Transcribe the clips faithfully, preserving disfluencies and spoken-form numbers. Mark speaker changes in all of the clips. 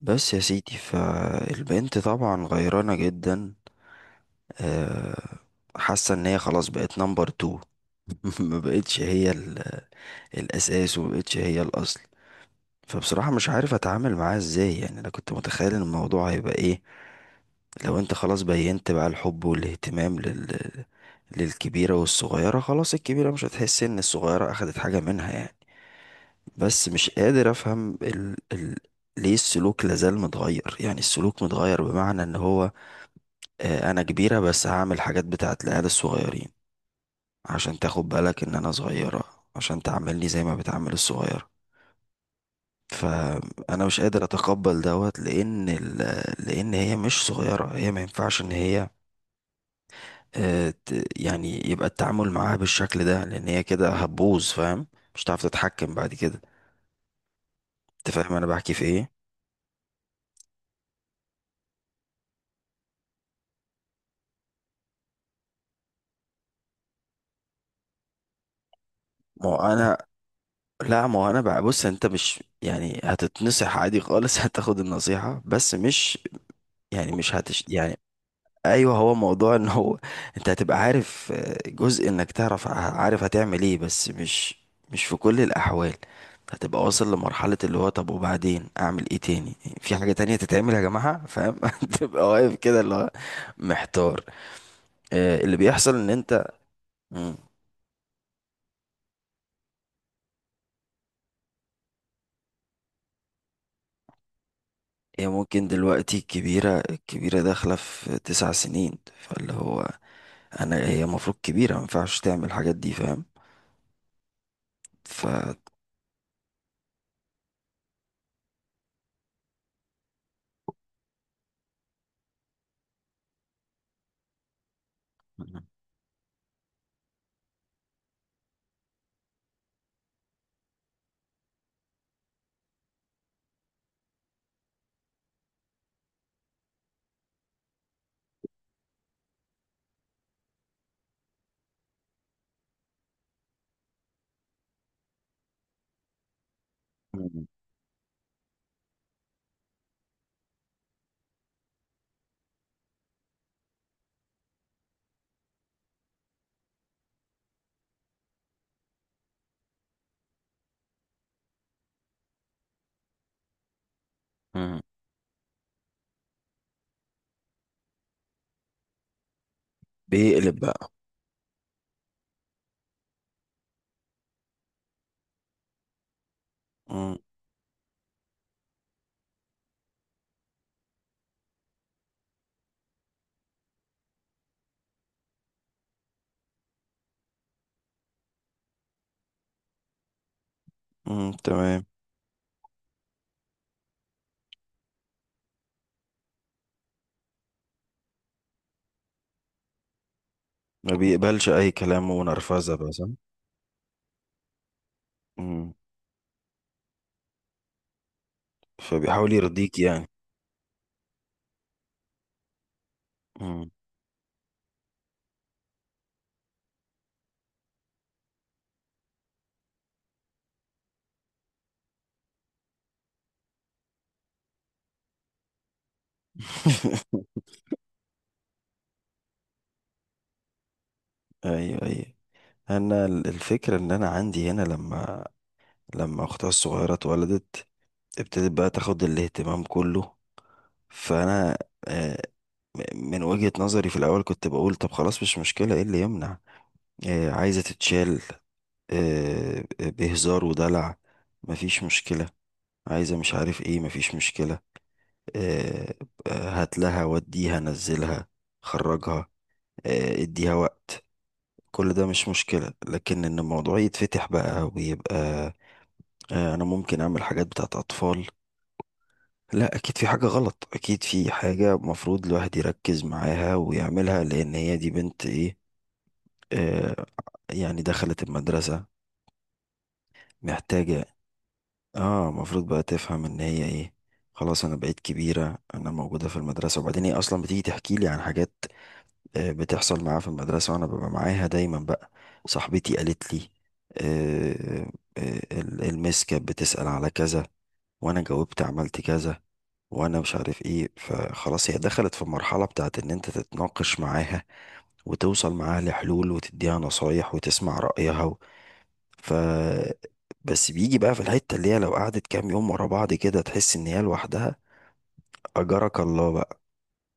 Speaker 1: بس يا سيدي فالبنت طبعا غيرانة جدا، آه، حاسة ان هي خلاص بقت نمبر تو. ما بقتش هي ال- الاساس، وما بقتش هي الاصل. فبصراحة مش عارف اتعامل معاها ازاي، يعني انا كنت متخيل ان الموضوع هيبقى ايه. لو انت خلاص بينت بقى الحب والاهتمام لل... للكبيرة والصغيرة، خلاص الكبيرة مش هتحس ان الصغيرة اخدت حاجة منها يعني. بس مش قادر افهم ال... ال... ليه السلوك لازال متغير، يعني السلوك متغير بمعنى ان هو آه، انا كبيرة بس هعمل حاجات بتاعت العيال الصغيرين، عشان تاخد بالك ان انا صغيرة، عشان تعاملني زي ما بتعامل الصغيرة. فانا مش قادر اتقبل دوت لان ال... لان هي مش صغيرة، هي ما ينفعش ان هي آه، ت- يعني يبقى التعامل معاها بالشكل ده لان هي كده هتبوظ، فاهم؟ مش هتعرف تتحكم بعد كده. انت فاهم انا بحكي في ايه؟ ما هو انا لا، ما هو انا بقى، بص انت مش يعني هتتنصح عادي خالص. هتاخد النصيحة بس مش يعني، مش هتش يعني. ايوه هو موضوع ان هو انت هتبقى عارف، آه، جزء انك تعرف، ع- عارف هتعمل ايه، بس مش مش في كل الاحوال. هتبقى واصل لمرحلة اللي هو طب وبعدين اعمل ايه تاني؟ في حاجة تانية تتعمل يا جماعة، فاهم؟ تبقى واقف كده اللي هو محتار. آه، اللي بيحصل ان انت. مم. هي ممكن دلوقتي الكبيرة الكبيرة داخلة في تسع سنين، فاللي هو انا، هي المفروض كبيرة ما ينفعش تعمل الحاجات دي، فاهم؟ ف مم. مم. بيقلب بقى. امم تمام. ما بيقبلش اي كلام ونرفزه بقى، صح. امم. فبيحاول يرضيك يعني. امم. ايوه، ايوه. انا ال- الفكره ان انا عندي هنا لما لما اختها الصغيره اتولدت، ابتدت بقى تاخد الاهتمام كله. فانا آه، م- من وجهه نظري في الاول كنت بقول طب خلاص مش مشكله، ايه اللي يمنع؟ آه، عايزه تتشال، آه، بهزار ودلع، مفيش مشكله. عايزه مش عارف ايه، مفيش مشكله. آه، آه، هات لها وديها نزلها خرجها، آه، اديها وقت. كل ده مش مشكلة، لكن ان الموضوع يتفتح بقى ويبقى آه، انا ممكن اعمل حاجات بتاعت اطفال. لا، اكيد في حاجة غلط، اكيد في حاجة مفروض الواحد يركز معاها ويعملها لان هي دي بنت ايه، آه، يعني دخلت المدرسة محتاجة. اه المفروض بقى تفهم ان هي ايه، خلاص انا بقيت كبيرة، انا موجودة في المدرسة. وبعدين هي اصلا بتيجي تحكي لي عن حاجات آه، بتحصل معايا في المدرسة، وأنا ببقى معاها دايما بقى. صاحبتي قالت لي، آه، آه، ال- المس كانت بتسأل على كذا، وأنا جاوبت عملت كذا، وأنا مش عارف إيه. فخلاص هي دخلت في المرحلة بتاعت إن أنت تتناقش معاها، وتوصل معاها لحلول، وتديها نصايح، وتسمع رأيها و... ف بس بيجي بقى في الحتة اللي هي لو قعدت كام يوم ورا بعض كده تحس إن هي لوحدها، أجرك الله،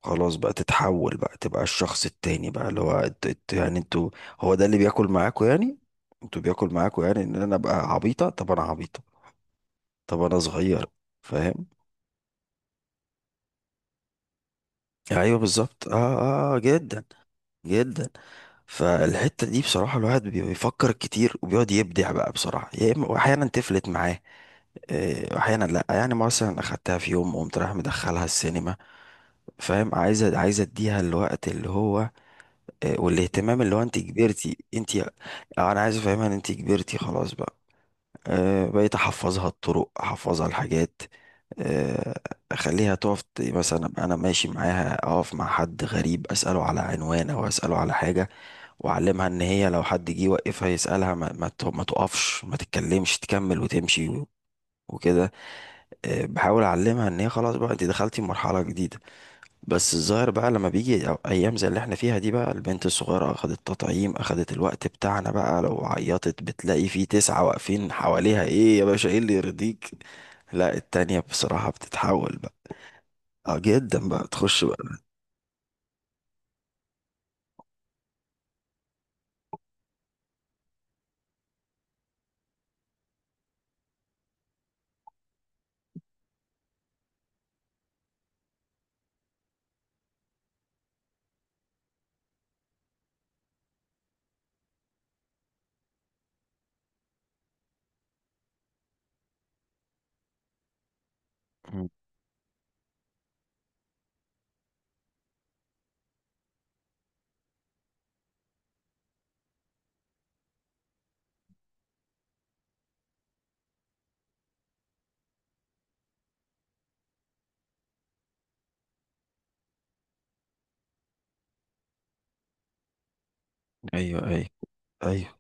Speaker 1: خلاص بقى تتحول بقى، تبقى الشخص التاني بقى اللي هو انت انت- يعني انتوا، هو ده اللي بياكل معاكوا يعني، انتوا بياكل معاكوا يعني ان انا ابقى عبيطة. طب انا عبيطة، طب انا صغير، فاهم؟ ايوه بالظبط، اه، اه، آه، جدا، جدا. فالحتة دي بصراحة الواحد بي- بيفكر كتير وبيقعد يبدع بقى، بصراحة يا اما، واحيانا تفلت معاه آه، واحيانا لا. يعني مثلا اخدتها في يوم قمت رايح مدخلها السينما، فاهم، عايزة عايزة اديها الوقت اللي هو آه، والاهتمام اللي هو انت كبرتي انت آه، انا عايز افهمها ان انت كبرتي خلاص بقى. آه، بقيت احفظها الطرق، احفظها الحاجات. آه، اخليها تقف ت- مثلا أبقى انا ماشي معاها اقف مع حد غريب اساله على عنوان او اساله على حاجه، واعلمها ان هي لو حد جه يوقفها يسالها ما, ما ت- ما تقفش ما تتكلمش، تكمل وتمشي و- وكده. آه، بحاول اعلمها ان هي خلاص بقى انت دخلتي مرحله جديده. بس الظاهر بقى لما بيجي أو- ايام زي اللي احنا فيها دي بقى، البنت الصغيره اخدت تطعيم، اخدت الوقت بتاعنا بقى، لو عيطت بتلاقي فيه تسعه واقفين حواليها ايه يا باشا ايه اللي يرضيك. لا التانية بصراحه بتتحول بقى، اه جدا بقى تخش بقى. مم. ايوه، ايوه، ايوه.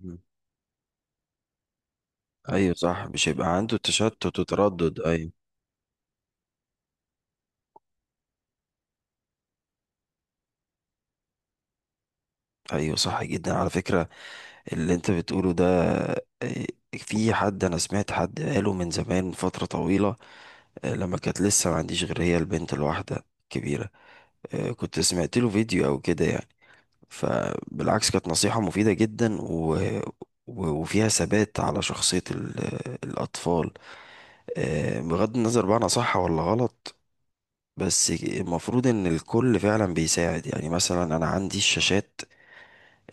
Speaker 1: مم. ايوه صح، مش هيبقى عنده تشتت وتردد، ايوه. ايوه صح جدا على فكرة اللي انت بتقوله ده. آه، في حد، انا سمعت حد قاله من زمان، من فترة طويلة، آه، لما كانت لسه ما عنديش غير هي البنت الواحدة الكبيرة. آه، كنت سمعت له فيديو او كده يعني. فبالعكس كانت نصيحة مفيدة جدا و... و- وفيها ثبات على شخصية ال... الأطفال. آه، بغض النظر بقى أنا صح ولا غلط، بس المفروض إن الكل فعلا بيساعد. يعني مثلا أنا عندي الشاشات،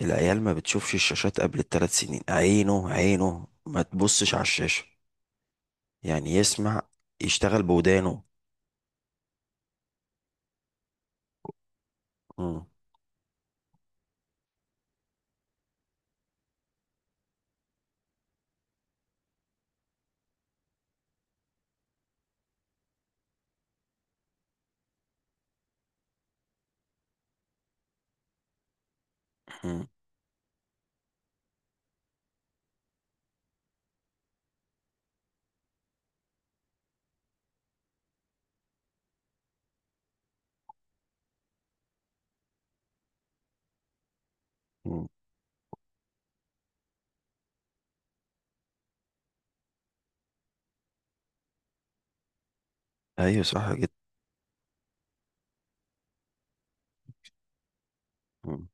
Speaker 1: العيال ما بتشوفش الشاشات قبل الثلاث سنين، عينه عينه ما تبصش على الشاشة، يعني يسمع يشتغل بودانه. مم. مم. مم. ايوه صح جدا. مم.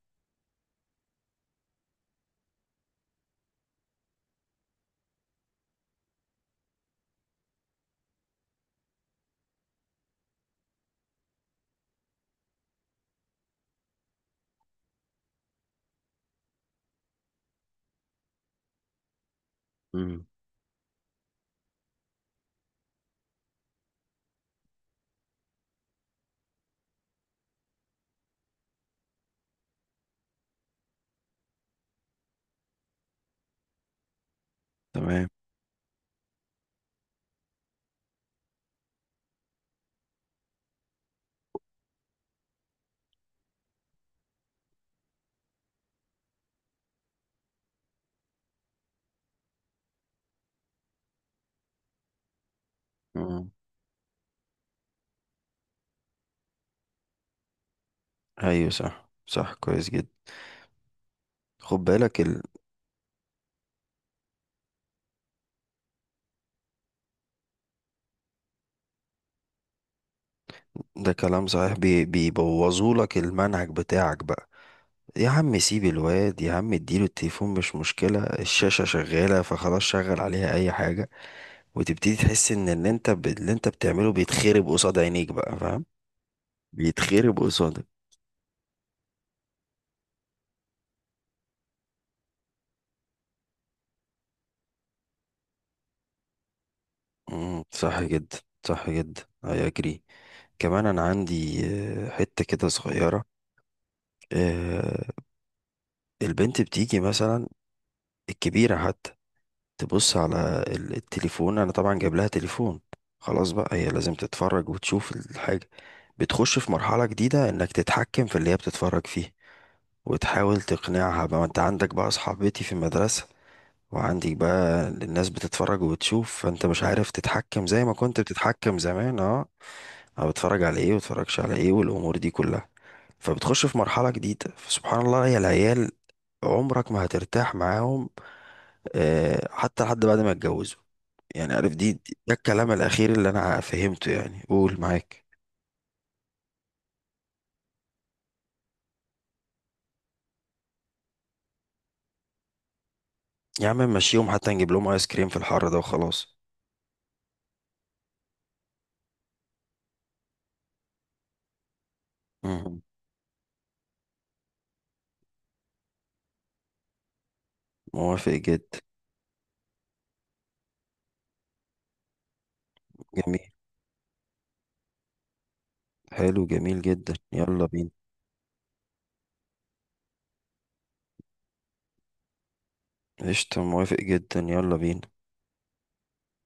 Speaker 1: مم. تمام. مم. ايوه صح، صح، كويس جدا. خد بالك ال... ده كلام صحيح. بي... بيبوظوا لك المنهج بتاعك بقى، يا عم سيب الواد، يا عم اديله التليفون مش مشكلة، الشاشة شغالة فخلاص شغل عليها اي حاجة. وتبتدي تحس ان اللي انت ب... اللي انت بتعمله بيتخرب قصاد عينيك بقى، فاهم؟ بيتخرب قصادك. مم، صح جدا. صح جدا اي اجري. كمان انا عندي آه، حتة كده صغيرة. آه، البنت بتيجي مثلا، الكبيرة حتى، تبص على ال- التليفون. انا طبعا جايب لها تليفون، خلاص بقى هي لازم تتفرج وتشوف الحاجة. بتخش في مرحلة جديدة انك تتحكم في اللي هي بتتفرج فيه، وتحاول تقنعها بقى ما انت عندك بقى صحابتي في المدرسة، وعندك بقى الناس بتتفرج وبتشوف، فانت مش عارف تتحكم زي ما كنت بتتحكم زمان، اه. انا بتفرج على ايه وبتفرجش على ايه والامور دي كلها. فبتخش في مرحلة جديدة، فسبحان الله يا العيال عمرك ما هترتاح معاهم، آه، حتى لحد بعد ما اتجوزوا. يعني عارف، دي دي- ده الكلام الاخير اللي انا فهمته، يعني قول معاك. يا عم مشيهم حتى نجيب لهم ايس كريم في الحر ده وخلاص. مهم. موافق جدا. جميل. حلو جميل جدا، يلا بينا. قشطة، موافق جدا، يلا بينا.